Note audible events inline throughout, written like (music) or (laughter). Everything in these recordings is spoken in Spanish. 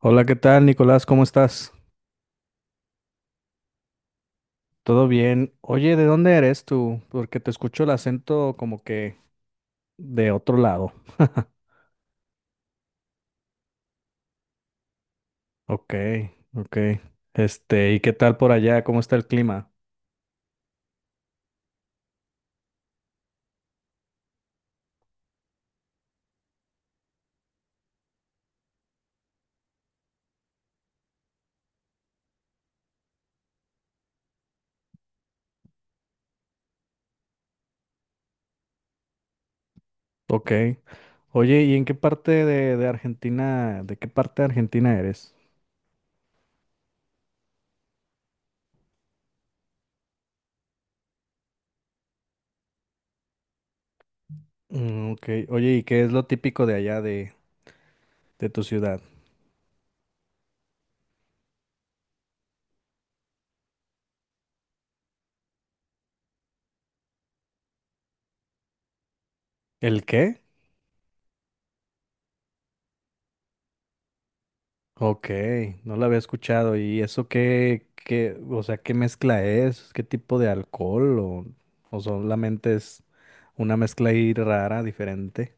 Hola, ¿qué tal, Nicolás? ¿Cómo estás? ¿Todo bien? Oye, ¿de dónde eres tú? Porque te escucho el acento como que de otro lado. (laughs) Ok, ok. Este, ¿y qué tal por allá? ¿Cómo está el clima? Ok. Oye, ¿y en qué parte de Argentina, de qué parte de Argentina eres? Mm, ok. Oye, ¿y qué es lo típico de allá de tu ciudad? ¿El qué? Ok, no la había escuchado. ¿Y eso qué, o sea, qué mezcla es? ¿Qué tipo de alcohol? ¿O solamente es una mezcla ahí rara, diferente?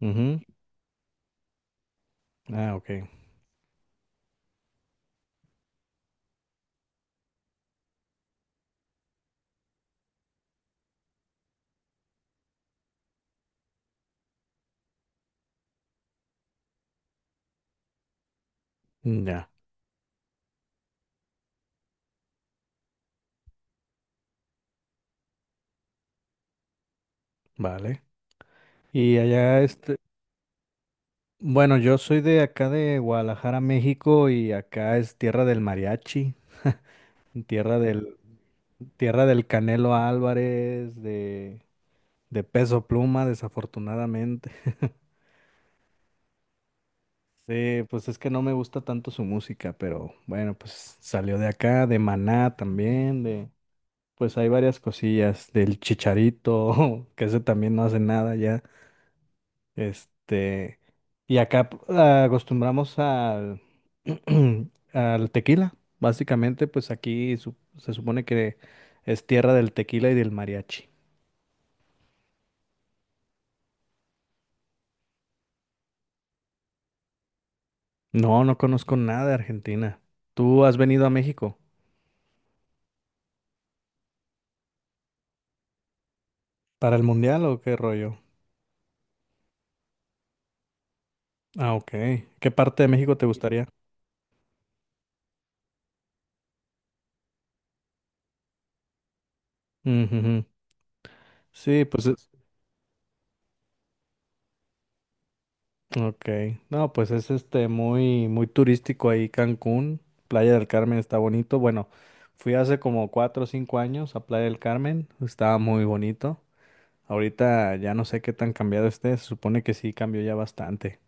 Ujú. Ah, ok. Mm, ya, vale. Y allá, este, bueno, yo soy de acá de Guadalajara, México, y acá es tierra del mariachi, tierra del, tierra del Canelo Álvarez, de Peso Pluma, desafortunadamente. Sí, pues es que no me gusta tanto su música, pero bueno, pues salió de acá, de Maná también, de pues hay varias cosillas, del Chicharito, (laughs) que ese también no hace nada ya. Este, y acá acostumbramos al (clears throat) al tequila, básicamente, pues aquí se supone que es tierra del tequila y del mariachi. No, no conozco nada de Argentina. ¿Tú has venido a México para el mundial o qué rollo? Ah, ok. ¿Qué parte de México te gustaría? Ujú, sí, pues es. Ok. No, pues es este muy, muy turístico ahí Cancún. Playa del Carmen está bonito. Bueno, fui hace como 4 o 5 años a Playa del Carmen. Estaba muy bonito. Ahorita ya no sé qué tan cambiado esté. Se supone que sí cambió ya bastante.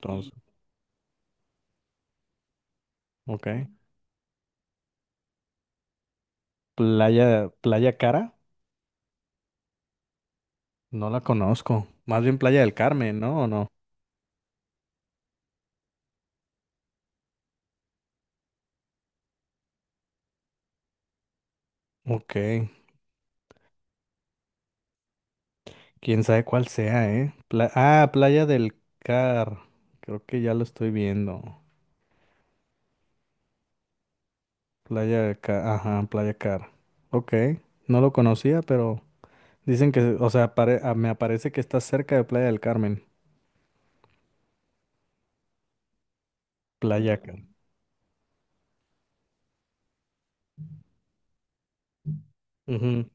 Entonces, ok. Playa Cara, no la conozco. Más bien Playa del Carmen, ¿no? ¿O no? Ok. Quién sabe cuál sea, ¿eh? Ah, Playa del Car. Creo que ya lo estoy viendo. Playa Car. Ajá, Playa Car. Ok. No lo conocía, pero dicen que, o sea, ah, me aparece que está cerca de Playa del Carmen. Playa Car. Ujú,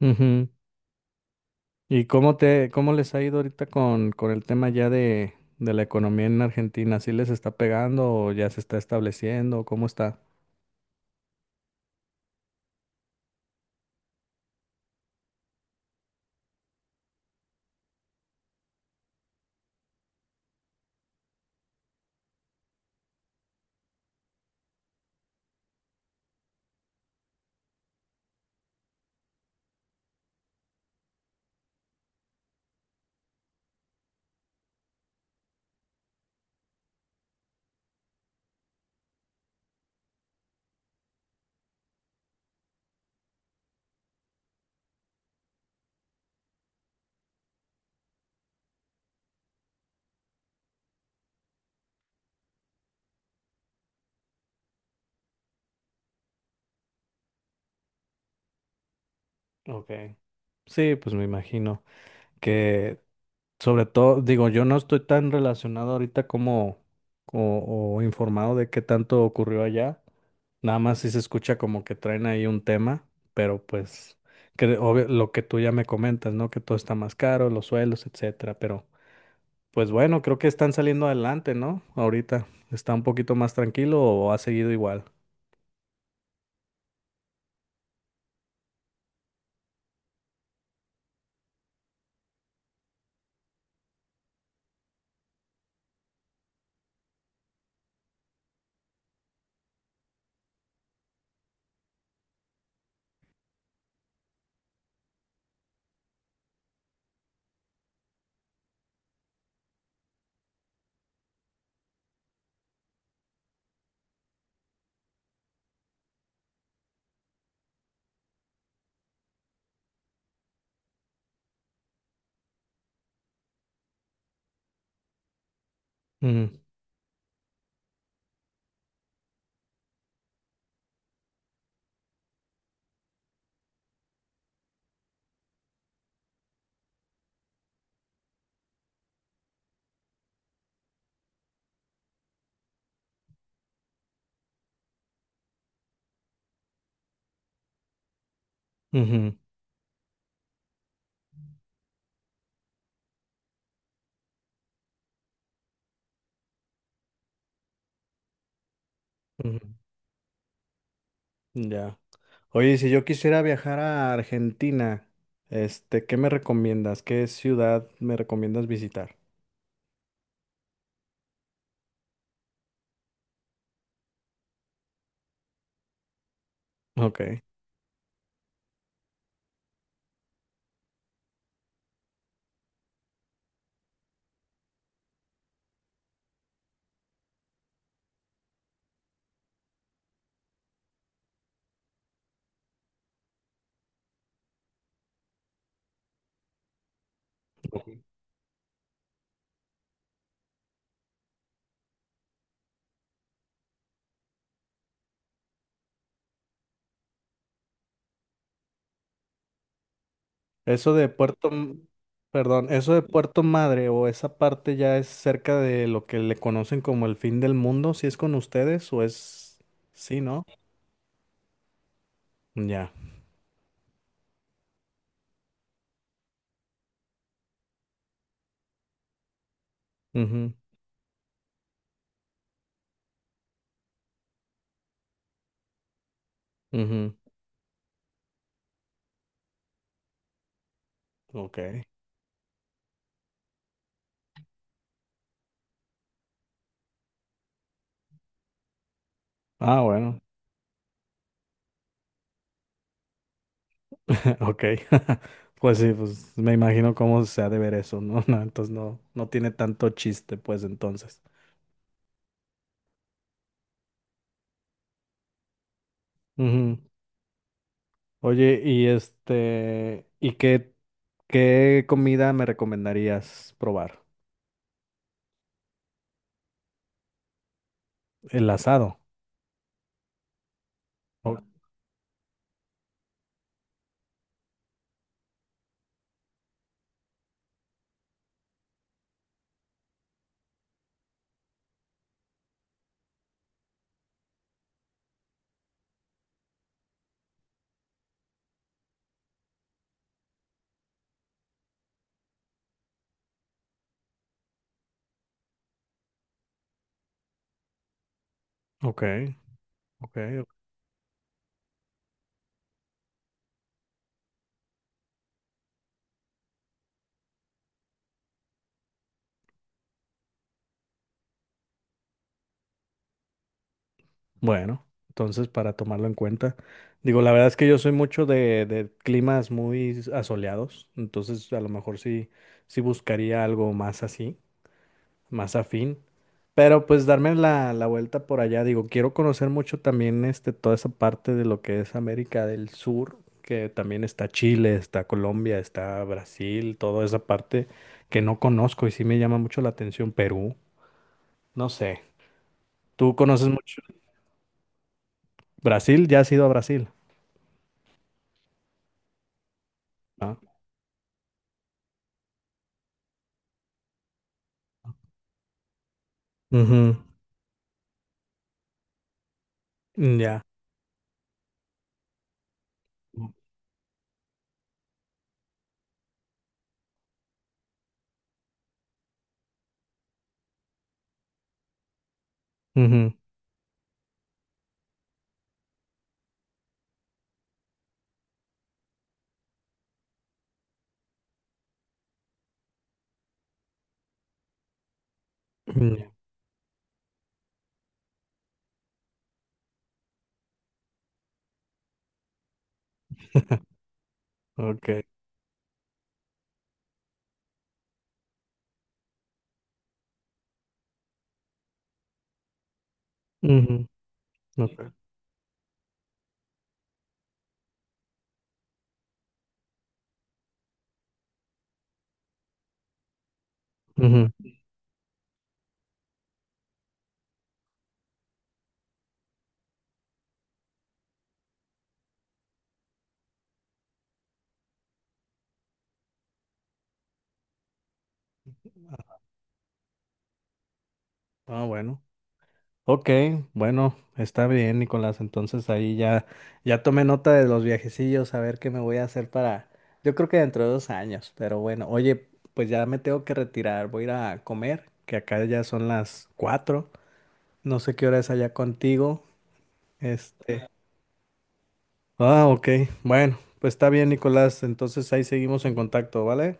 ujú. ¿Y cómo cómo les ha ido ahorita con el tema ya de la economía en Argentina? ¿Sí les está pegando o ya se está estableciendo? ¿Cómo está? Ok. Sí, pues me imagino que. Sobre todo, digo, yo no estoy tan relacionado ahorita como o informado de qué tanto ocurrió allá. Nada más si se escucha como que traen ahí un tema, pero pues que lo que tú ya me comentas, ¿no? Que todo está más caro, los suelos, etcétera. Pero pues bueno, creo que están saliendo adelante, ¿no? Ahorita está un poquito más tranquilo o ha seguido igual. Ujú, ujú, ujú. Ya. Oye, si yo quisiera viajar a Argentina, este, ¿qué me recomiendas? ¿Qué ciudad me recomiendas visitar? Ok. Ujú. Eso de Puerto, perdón, eso de Puerto Madre o esa parte ya es cerca de lo que le conocen como el fin del mundo, ¿si es con ustedes o es, sí, no? Ya. Mhm. Mhm. Ok. Ah, bueno. (laughs) Ok. (laughs) Pues sí, pues me imagino cómo se ha de ver eso, ¿no? (laughs) No, entonces no, no tiene tanto chiste, pues entonces. Oye, y este, ¿y qué comida me recomendarías probar? El asado. O- ok, ok. Bueno, entonces para tomarlo en cuenta. Digo, la verdad es que yo soy mucho de climas muy asoleados, entonces a lo mejor sí, sí buscaría algo más así, más afín. Pero pues darme la vuelta por allá, digo, quiero conocer mucho también este, toda esa parte de lo que es América del Sur, que también está Chile, está Colombia, está Brasil, toda esa parte que no conozco y sí me llama mucho la atención. Perú, no sé, tú conoces mucho Brasil, ya has ido a Brasil. Ujú, ya. Ujú, ya. (laughs) Ok. Ujú, ok, ujú. Ah, bueno. Ok, bueno, está bien, Nicolás. Entonces ahí ya tomé nota de los viajecillos, a ver qué me voy a hacer para, yo creo que dentro de 2 años, pero bueno, oye, pues ya me tengo que retirar, voy a ir a comer, que acá ya son las 4, no sé qué hora es allá contigo, este. Ah, ok, bueno, pues está bien, Nicolás, entonces ahí seguimos en contacto, ¿vale?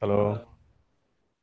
Hasta luego.